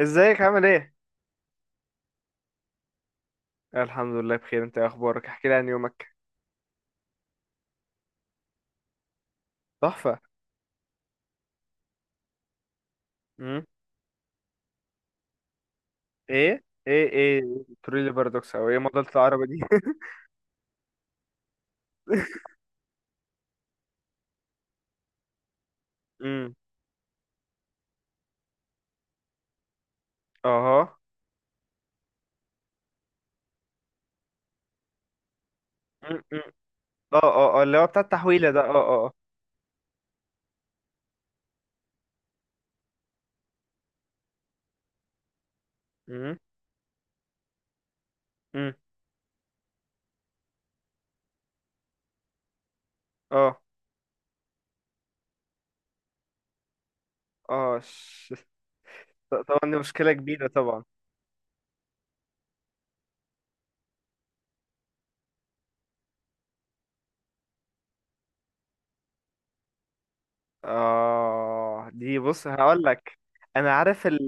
ازيك عامل ايه؟ الحمد لله بخير. انت ايه اخبارك؟ احكي لي عن يومك. تحفه. امم. ايه، ايه، ايه. تريلي بارادوكس او ايه مضلت العربه دي؟ امم. اها. امم، اه، اه، اه، اللي هو بتاع التحويله ده. اه، اه، اه. امم، امم. اه، اه، طبعا دي مشكله كبيره طبعا. اه، دي بص هقول لك. انا عارف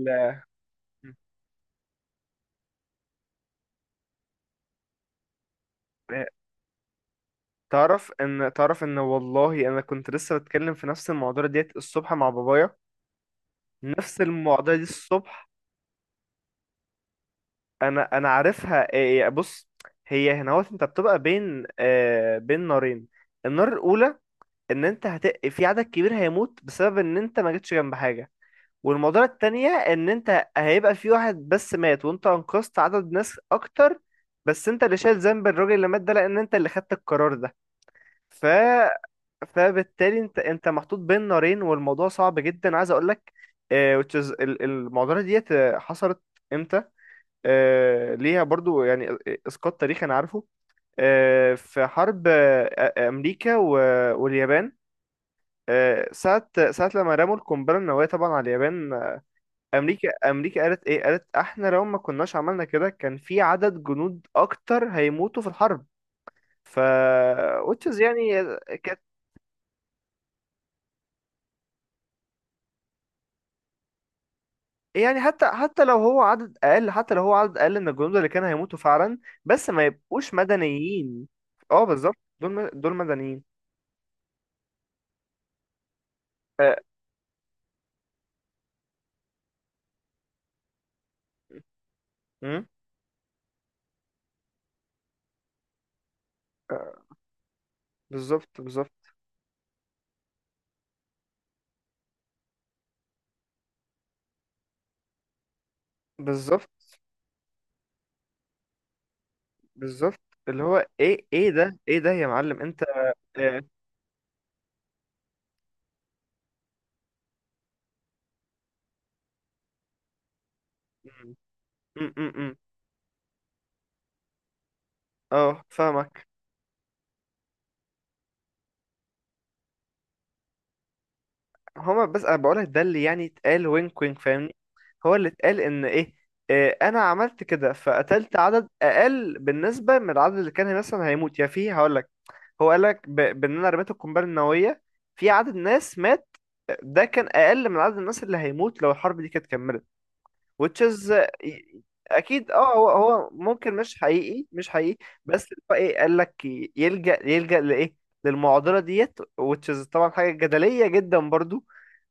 تعرف ان والله انا كنت لسه بتكلم في نفس المواضيع ديت الصبح مع بابايا. نفس المواضيع دي الصبح. انا عارفها. إيه، بص. هي هنا هو انت بتبقى بين نارين. النار الاولى، ان انت في عدد كبير هيموت بسبب ان انت ما جيتش جنب حاجه. والموضوع التانية، ان انت هيبقى في واحد بس مات وانت انقذت عدد ناس اكتر. بس انت اللي شايل ذنب الراجل اللي مات ده لان انت اللي خدت القرار ده. ف... فبالتالي انت محطوط بين نارين، والموضوع صعب جدا عايز اقول لك. المعضله ديت حصلت. امتى؟ ليها برضو يعني اسقاط تاريخي انا عارفه. في حرب امريكا و- واليابان. ساعة لما رموا القنبلة النووية طبعا على اليابان أمريكا قالت إيه؟ قالت إحنا لو ما كناش عملنا كده كان في عدد جنود أكتر هيموتوا في الحرب. ف which is يعني كانت. يعني حتى لو هو عدد أقل من الجنود اللي كانوا هيموتوا فعلا، بس ما يبقوش مدنيين. اه بالظبط، دول مدنيين. آه، مم. بالظبط، بالظبط. بالظبط، بالظبط. اللي هو ايه؟ ايه ده؟ ايه ده يا معلم انت؟ اه. م- م. اه، فاهمك. بس انا بقولك ده اللي يعني اتقال، وينك، وينك، فاهمني. هو اللي اتقال ان ايه. اه، انا عملت كده فقتلت عدد اقل بالنسبه من العدد اللي كان مثلا هيموت، يا فيه هقولك. هو قالك ب- بان انا رميت القنبله النوويه، في عدد ناس مات. ده كان اقل من عدد الناس اللي هيموت لو الحرب دي كانت كملت. which is. اكيد. اه، هو ممكن مش حقيقي، مش حقيقي. بس اللي هو ايه قال لك يلجأ لايه؟ للمعضله ديت which is طبعا حاجه جدليه جدا برضو.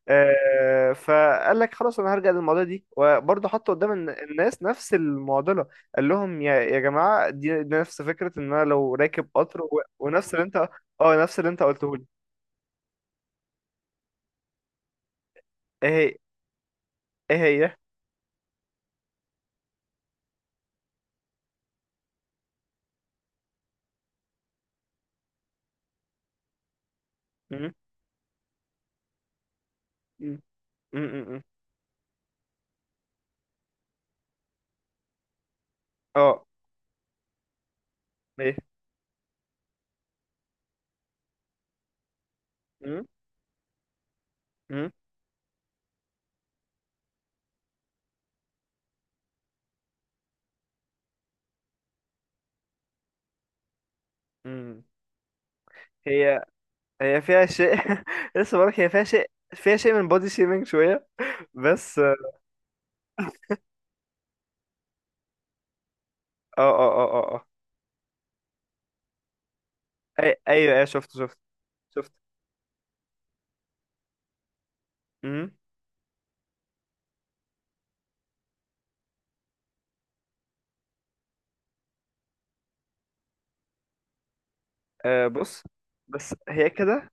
فقال لك خلاص انا هرجع للمعضله دي، وبرضو حط قدام الناس نفس المعضله. قال لهم يا جماعه، دي نفس فكره ان انا لو راكب قطر ونفس اللي انت. اه، نفس اللي انت قلته لي. ايه؟ هي ايه هي؟ م- م- م. اه، ايه؟ م- م- م. هي هي فيها شيء لسه بقولك، هي فيها شيء، فيها شيء من بودي شيمينج شوية. بس اه. اه، اه، اه، اه. آه. ايوه، ايوه، شفت، شفت. شفت. امم. بص. بس هي كده.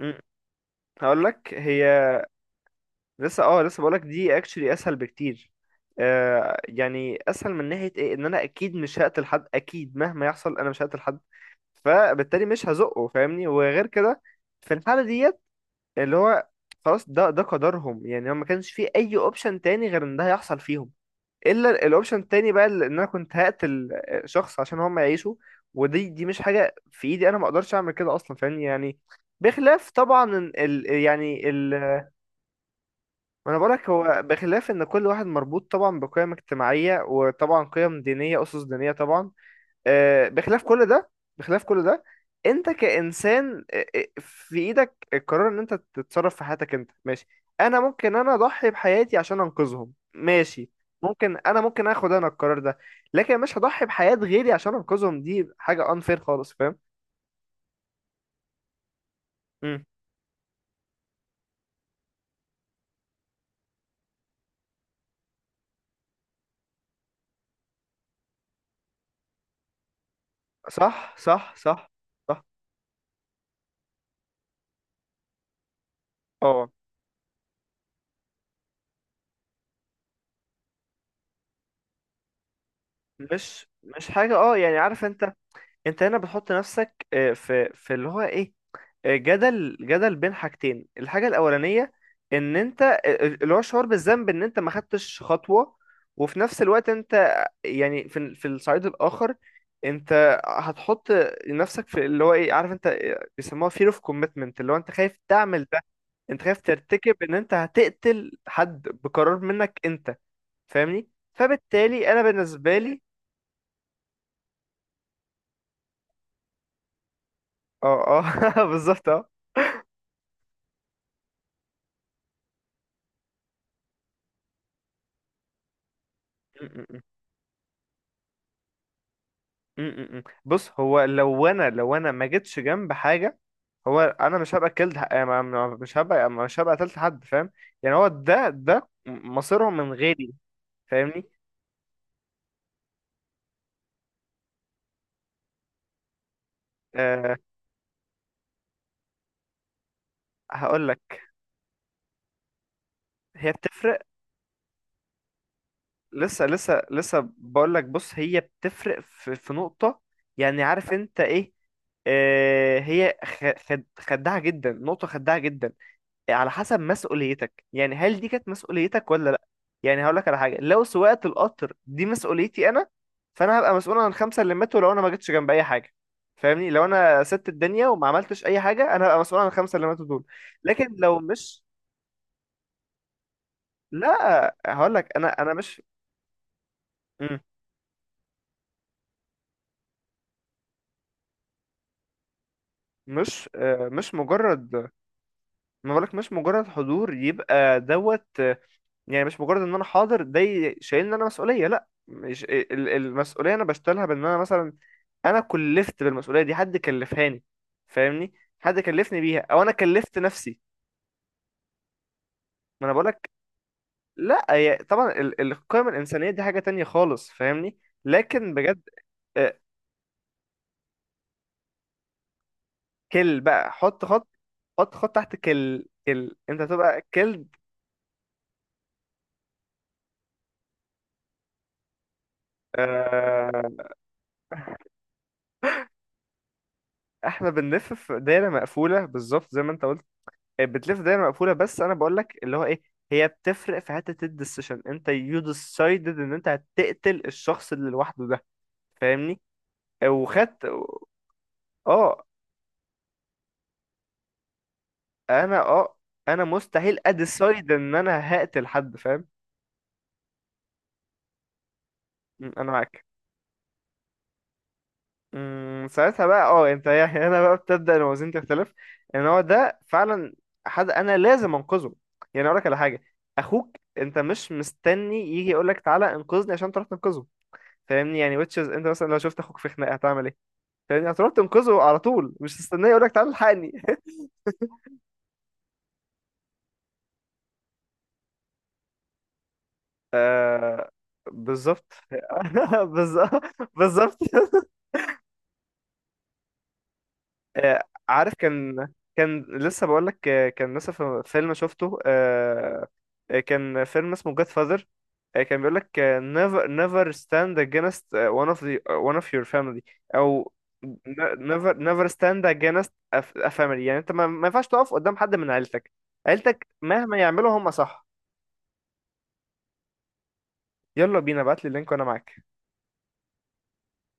امم. هقول لك هي. لسه بقول لك دي اكشلي اسهل بكتير. يعني اسهل من ناحيه ايه، ان انا اكيد مش هقتل حد، اكيد مهما يحصل انا مش هقتل حد. فبالتالي مش هزقه، فاهمني. وغير كده، في الحاله ديت، اللي هو، خلاص ده قدرهم، يعني هو ما كانش فيه اي اوبشن تاني غير ان ده هيحصل فيهم. الا الاوبشن التاني بقى ان انا كنت هقتل شخص عشان هم يعيشوا. ودي مش حاجه في ايدي، انا ما اقدرش اعمل كده اصلا، فاهمني يعني. بخلاف طبعا إن ال يعني ال ما انا بقولك، هو بخلاف ان كل واحد مربوط طبعا بقيم اجتماعيه وطبعا قيم دينيه، اسس دينيه طبعا. بخلاف كل ده. بخلاف كل ده. انت كإنسان في ايدك القرار ان انت تتصرف في حياتك، انت ماشي. انا ممكن انا اضحي بحياتي عشان انقذهم، ماشي. ممكن انا اخد انا القرار ده. لكن مش هضحي بحياة غيري عشان انقذهم، دي حاجة unfair خالص، فاهم؟ امم. صح، صح، صح. صح. اه، مش حاجة، يعني عارف انت. انت هنا بتحط نفسك في اللي هو ايه، جدل بين حاجتين. الحاجة الأولانية، إن أنت، اللي هو الشعور بالذنب إن أنت ما خدتش خطوة. وفي نفس الوقت أنت، يعني في الصعيد الآخر، أنت هتحط نفسك في اللي هو إيه، عارف أنت. بيسموها fear of commitment، اللي هو أنت خايف تعمل ده. أنت خايف ترتكب إن أنت هتقتل حد بقرار منك أنت. فاهمني، فبالتالي أنا بالنسبة لي. اه، اه، بالظبط. اه. م- م- م. بص، هو لو انا ما جيتش جنب حاجه، هو انا مش هبقى كلت يعني مش هبقى قتلت حد، فاهم؟ يعني هو ده مصيرهم من غيري، فاهمني. أه هقول لك، هي بتفرق. لسه بقول لك، بص، هي بتفرق في نقطه. يعني عارف انت ايه، هي خ- خد خداعه جدا، نقطه خداعه جدا. على حسب مسؤوليتك، يعني هل دي كانت مسؤوليتك ولا لا؟ يعني هقول لك على حاجه، لو سواقه القطر دي مسؤوليتي انا، فانا هبقى مسؤول عن الخمسه اللي ماتوا لو انا ما جيتش جنب اي حاجه. فاهمني، لو انا سبت الدنيا وما عملتش اي حاجه، انا هبقى مسؤول عن الخمسه اللي ماتوا دول. لكن لو مش، لا هقول لك، انا مش. مم. مش مجرد، ما بقولك، مش مجرد حضور يبقى دوت. يعني مش مجرد ان انا حاضر ده شايلني انا مسؤوليه. لا، مش المسؤوليه انا بشتغلها بان انا مثلا انا كلفت بالمسؤوليه دي، حد كلفهاني، فاهمني. حد كلفني بيها، او انا كلفت نفسي. ما انا بقولك، لا هي طبعا القيم الانسانيه دي حاجه تانية خالص، فاهمني. لكن بجد، آه، كل بقى، حط خط، حط خط تحت كل انت تبقى كلب. آه، احنا بنلف في دايره مقفوله بالظبط زي ما انت قلت. بتلف دايره مقفوله، بس انا بقول لك اللي هو ايه، هي بتفرق في حته الديسيشن، انت يو ديسايدد ان انت هتقتل الشخص اللي لوحده ده، فاهمني. وخدت. اه، انا انا مستحيل اديسايد ان انا هقتل حد، فاهم؟ انا معاك. ساعتها بقى، اه، انت يعني هنا بقى بتبدا الموازين تختلف، ان هو ده فعلا حد انا لازم انقذه. يعني اقول لك على حاجه، اخوك انت مش مستني يجي يقول لك تعالى انقذني عشان تروح تنقذه. فاهمني يعني، which is انت مثلا لو شفت اخوك في خناقه هتعمل ايه؟ فاهمني، هتروح تنقذه على طول، مش تستناه يقول لك تعالى الحقني. آه بالظبط بالظبط، بالظبط آه، عارف كان، كان لسه بقول لك، كان لسه في فيلم شفته، كان فيلم اسمه جاد فاذر. كان بيقول لك never never stand against one of your family. او never never stand against a family، يعني انت ما ينفعش تقف قدام حد من عيلتك. عيلتك مهما يعملوا هم، صح؟ يلا بينا، ابعت لي اللينك وانا معاك.